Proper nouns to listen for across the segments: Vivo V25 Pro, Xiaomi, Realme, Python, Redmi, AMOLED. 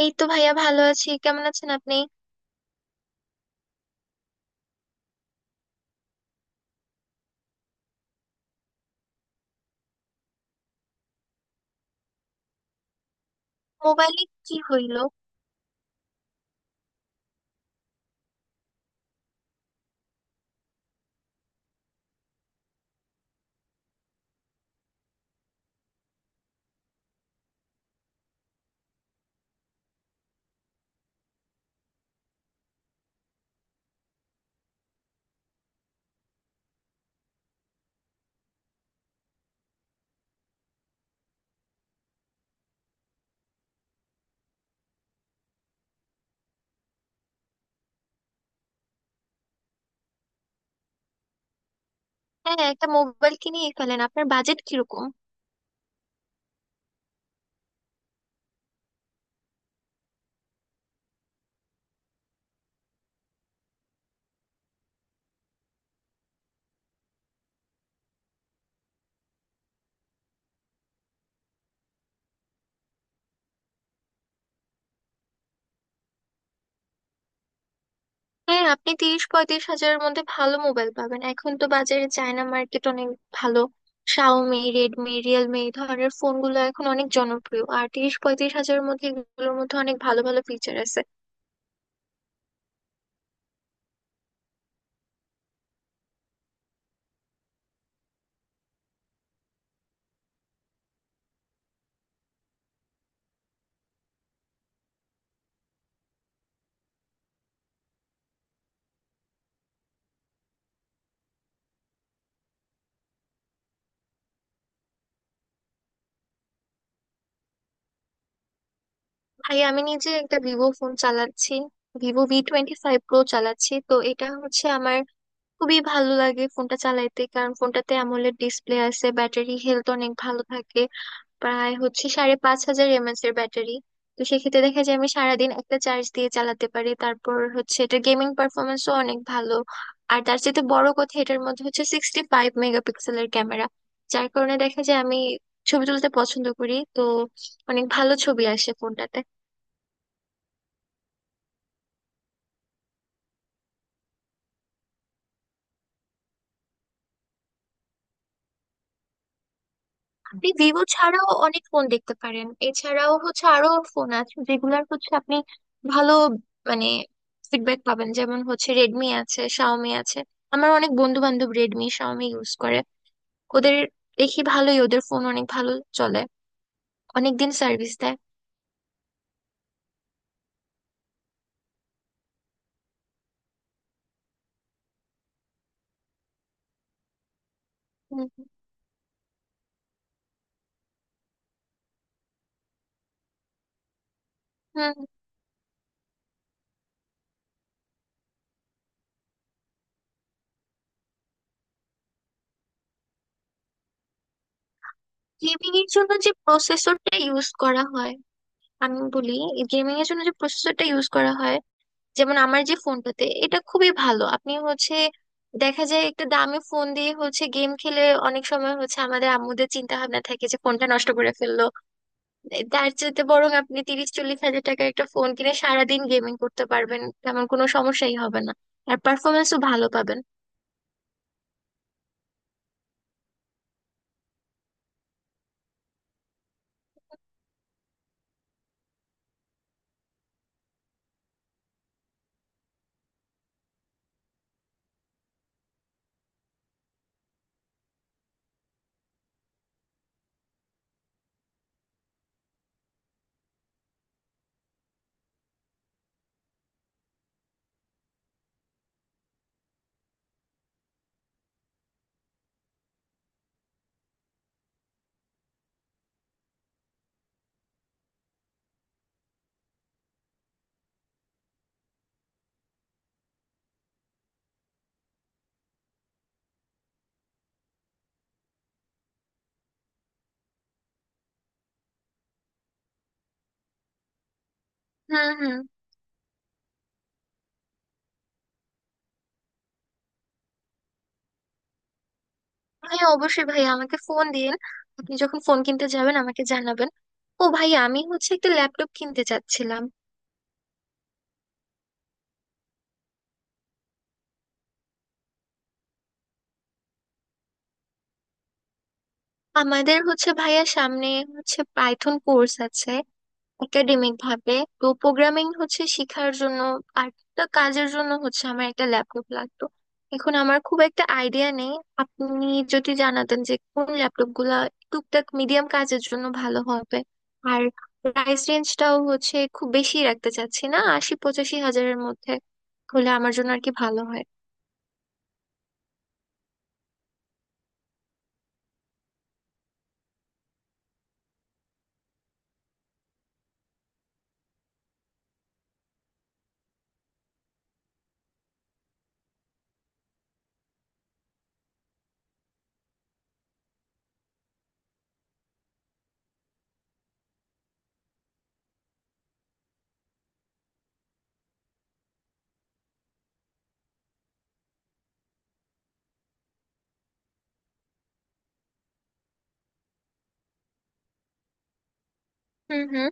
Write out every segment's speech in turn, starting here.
এই তো ভাইয়া, ভালো আছি। কেমন আছেন আপনি? মোবাইলে কি হইলো? হ্যাঁ, একটা মোবাইল কিনেই ফেলেন। আপনার বাজেট কিরকম? হ্যাঁ, আপনি 30-35 হাজারের মধ্যে ভালো মোবাইল পাবেন। এখন তো বাজারে চায়না মার্কেট অনেক ভালো। শাওমি, রেডমি, রিয়েলমি এই ধরনের ফোনগুলো এখন অনেক জনপ্রিয়। আর 30-35 হাজারের মধ্যে এগুলোর মধ্যে অনেক ভালো ভালো ফিচার আছে। ভাই, আমি নিজে একটা ভিভো ফোন চালাচ্ছি। ভিভো V25 Pro চালাচ্ছি, তো এটা হচ্ছে আমার খুবই ভালো লাগে ফোনটা চালাইতে। কারণ ফোনটাতে অ্যামোলেড ডিসপ্লে আছে, ব্যাটারি হেলথ অনেক ভালো থাকে। প্রায় হচ্ছে 5500 mAh এর ব্যাটারি। তো সেক্ষেত্রে দেখা যায় আমি সারাদিন একটা চার্জ দিয়ে চালাতে পারি। তারপর হচ্ছে এটা গেমিং পারফরমেন্সও অনেক ভালো। আর তার চেয়ে বড় কথা, এটার মধ্যে হচ্ছে 65 মেগাপিক্সেলের ক্যামেরা। যার কারণে দেখা যায় আমি ছবি তুলতে পছন্দ করি, তো অনেক ভালো ছবি আসে ফোনটাতে। আপনি ভিভো ছাড়াও অনেক ফোন দেখতে পারেন। এছাড়াও হচ্ছে আরো ফোন আছে যেগুলার হচ্ছে আপনি ভালো মানে ফিডব্যাক পাবেন। যেমন হচ্ছে রেডমি আছে, শাওমি আছে। আমার অনেক বন্ধু বান্ধব রেডমি, শাওমি ইউজ করে। ওদের দেখি ভালোই, ওদের ফোন অনেক ভালো চলে, অনেক দিন সার্ভিস দেয়। হুম হুম। গেমিং এর জন্য যে প্রসেসরটা ইউজ করা হয়, আমি বলি গেমিং এর জন্য যে প্রসেসরটা ইউজ করা হয় যেমন আমার যে ফোনটাতে, এটা খুবই ভালো। আপনি হচ্ছে দেখা যায় একটা দামি ফোন দিয়ে হচ্ছে গেম খেলে, অনেক সময় হচ্ছে আমাদের আম্মুদের চিন্তা ভাবনা থাকে যে ফোনটা নষ্ট করে ফেললো। তার চাইতে বরং আপনি 30-40 হাজার টাকার একটা ফোন কিনে সারাদিন গেমিং করতে পারবেন, তেমন কোনো সমস্যাই হবে না। আর পারফরমেন্সও ভালো পাবেন। হুম হুম। হ্যাঁ অবশ্যই ভাইয়া, আমাকে ফোন দিন। আপনি যখন ফোন কিনতে যাবেন আমাকে জানাবেন। ও ভাইয়া, আমি হচ্ছে একটা ল্যাপটপ কিনতে চাচ্ছিলাম। আমাদের হচ্ছে ভাইয়া সামনে হচ্ছে পাইথন কোর্স আছে একাডেমিক ভাবে। তো প্রোগ্রামিং হচ্ছে শেখার জন্য আর একটা কাজের জন্য হচ্ছে আমার একটা ল্যাপটপ লাগতো। এখন আমার খুব একটা আইডিয়া নেই। আপনি যদি জানাতেন যে কোন ল্যাপটপ গুলা টুকটাক মিডিয়াম কাজের জন্য ভালো হবে। আর প্রাইস রেঞ্জটাও হচ্ছে খুব বেশি রাখতে চাচ্ছি না, 80-85 হাজারের মধ্যে হলে আমার জন্য আর কি ভালো হয়। হুম হুম।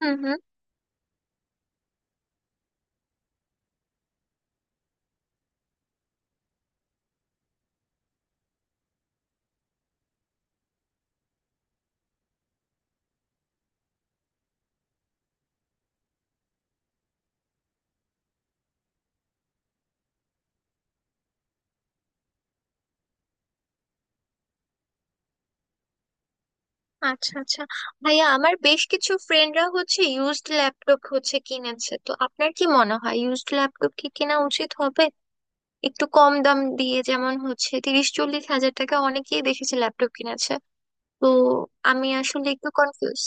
হুম হুম। আচ্ছা আচ্ছা ভাইয়া, আমার বেশ কিছু ফ্রেন্ডরা হচ্ছে ইউজড ল্যাপটপ হচ্ছে কিনেছে। তো আপনার কি মনে হয় ইউজড ল্যাপটপ কি কেনা উচিত হবে? একটু কম দাম দিয়ে যেমন হচ্ছে 30-40 হাজার টাকা, অনেকেই দেখেছি ল্যাপটপ কিনেছে। তো আমি আসলে একটু কনফিউজ।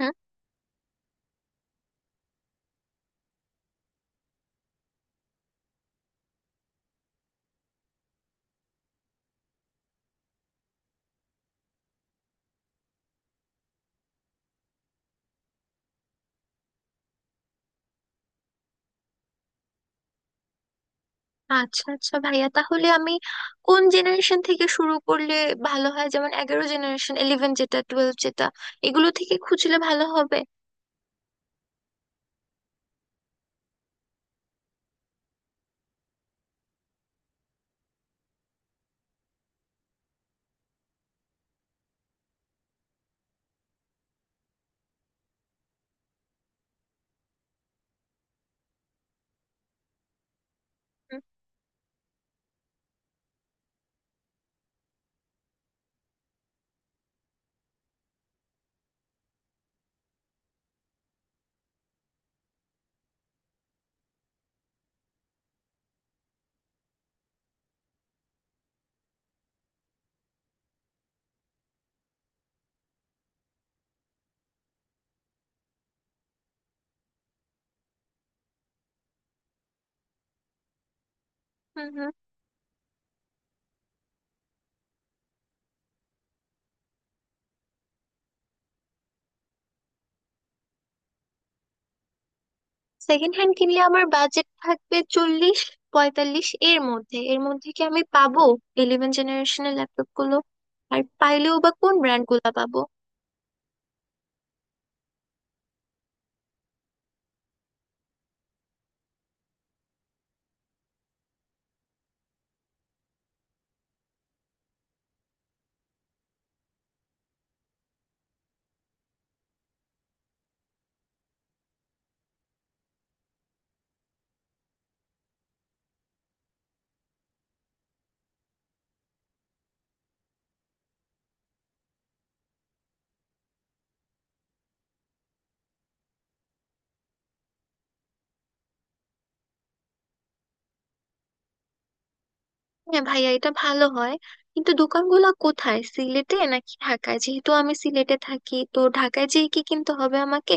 হুম। আচ্ছা আচ্ছা ভাইয়া, তাহলে আমি কোন জেনারেশন থেকে শুরু করলে ভালো হয়? যেমন 11 জেনারেশন, ইলেভেন যেটা, টুয়েলভ যেটা, এগুলো থেকে খুঁজলে ভালো হবে? হুম হুম। হুম। সেকেন্ড হ্যান্ড কিনলে আমার বাজেট থাকবে 40-45 এর মধ্যে। এর মধ্যে কি আমি পাবো ইলেভেন জেনারেশনের ল্যাপটপ গুলো? আর পাইলেও বা কোন ব্র্যান্ড গুলা পাবো? হ্যাঁ ভাইয়া, এটা ভালো হয়। কিন্তু দোকানগুলো কোথায়, সিলেটে নাকি ঢাকায়? যেহেতু আমি সিলেটে থাকি, তো ঢাকায় যেয়ে কি কিনতে হবে আমাকে?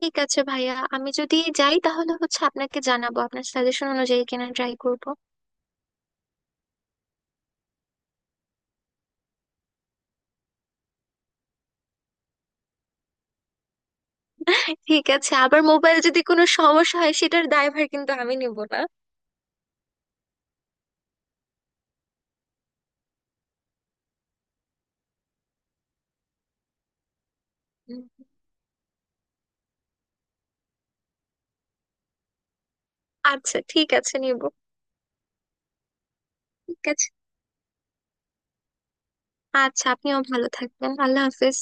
ঠিক আছে ভাইয়া, আমি যদি যাই তাহলে হচ্ছে আপনাকে জানাবো, আপনার সাজেশন অনুযায়ী কেনা ট্রাই করবো। ঠিক আছে, আবার মোবাইল যদি কোনো সমস্যা হয় সেটার দায়ভার কিন্তু আমি নিব না। উম, আচ্ছা ঠিক আছে, নিব। ঠিক আছে। আচ্ছা আপনিও ভালো থাকবেন, আল্লাহ হাফেজ।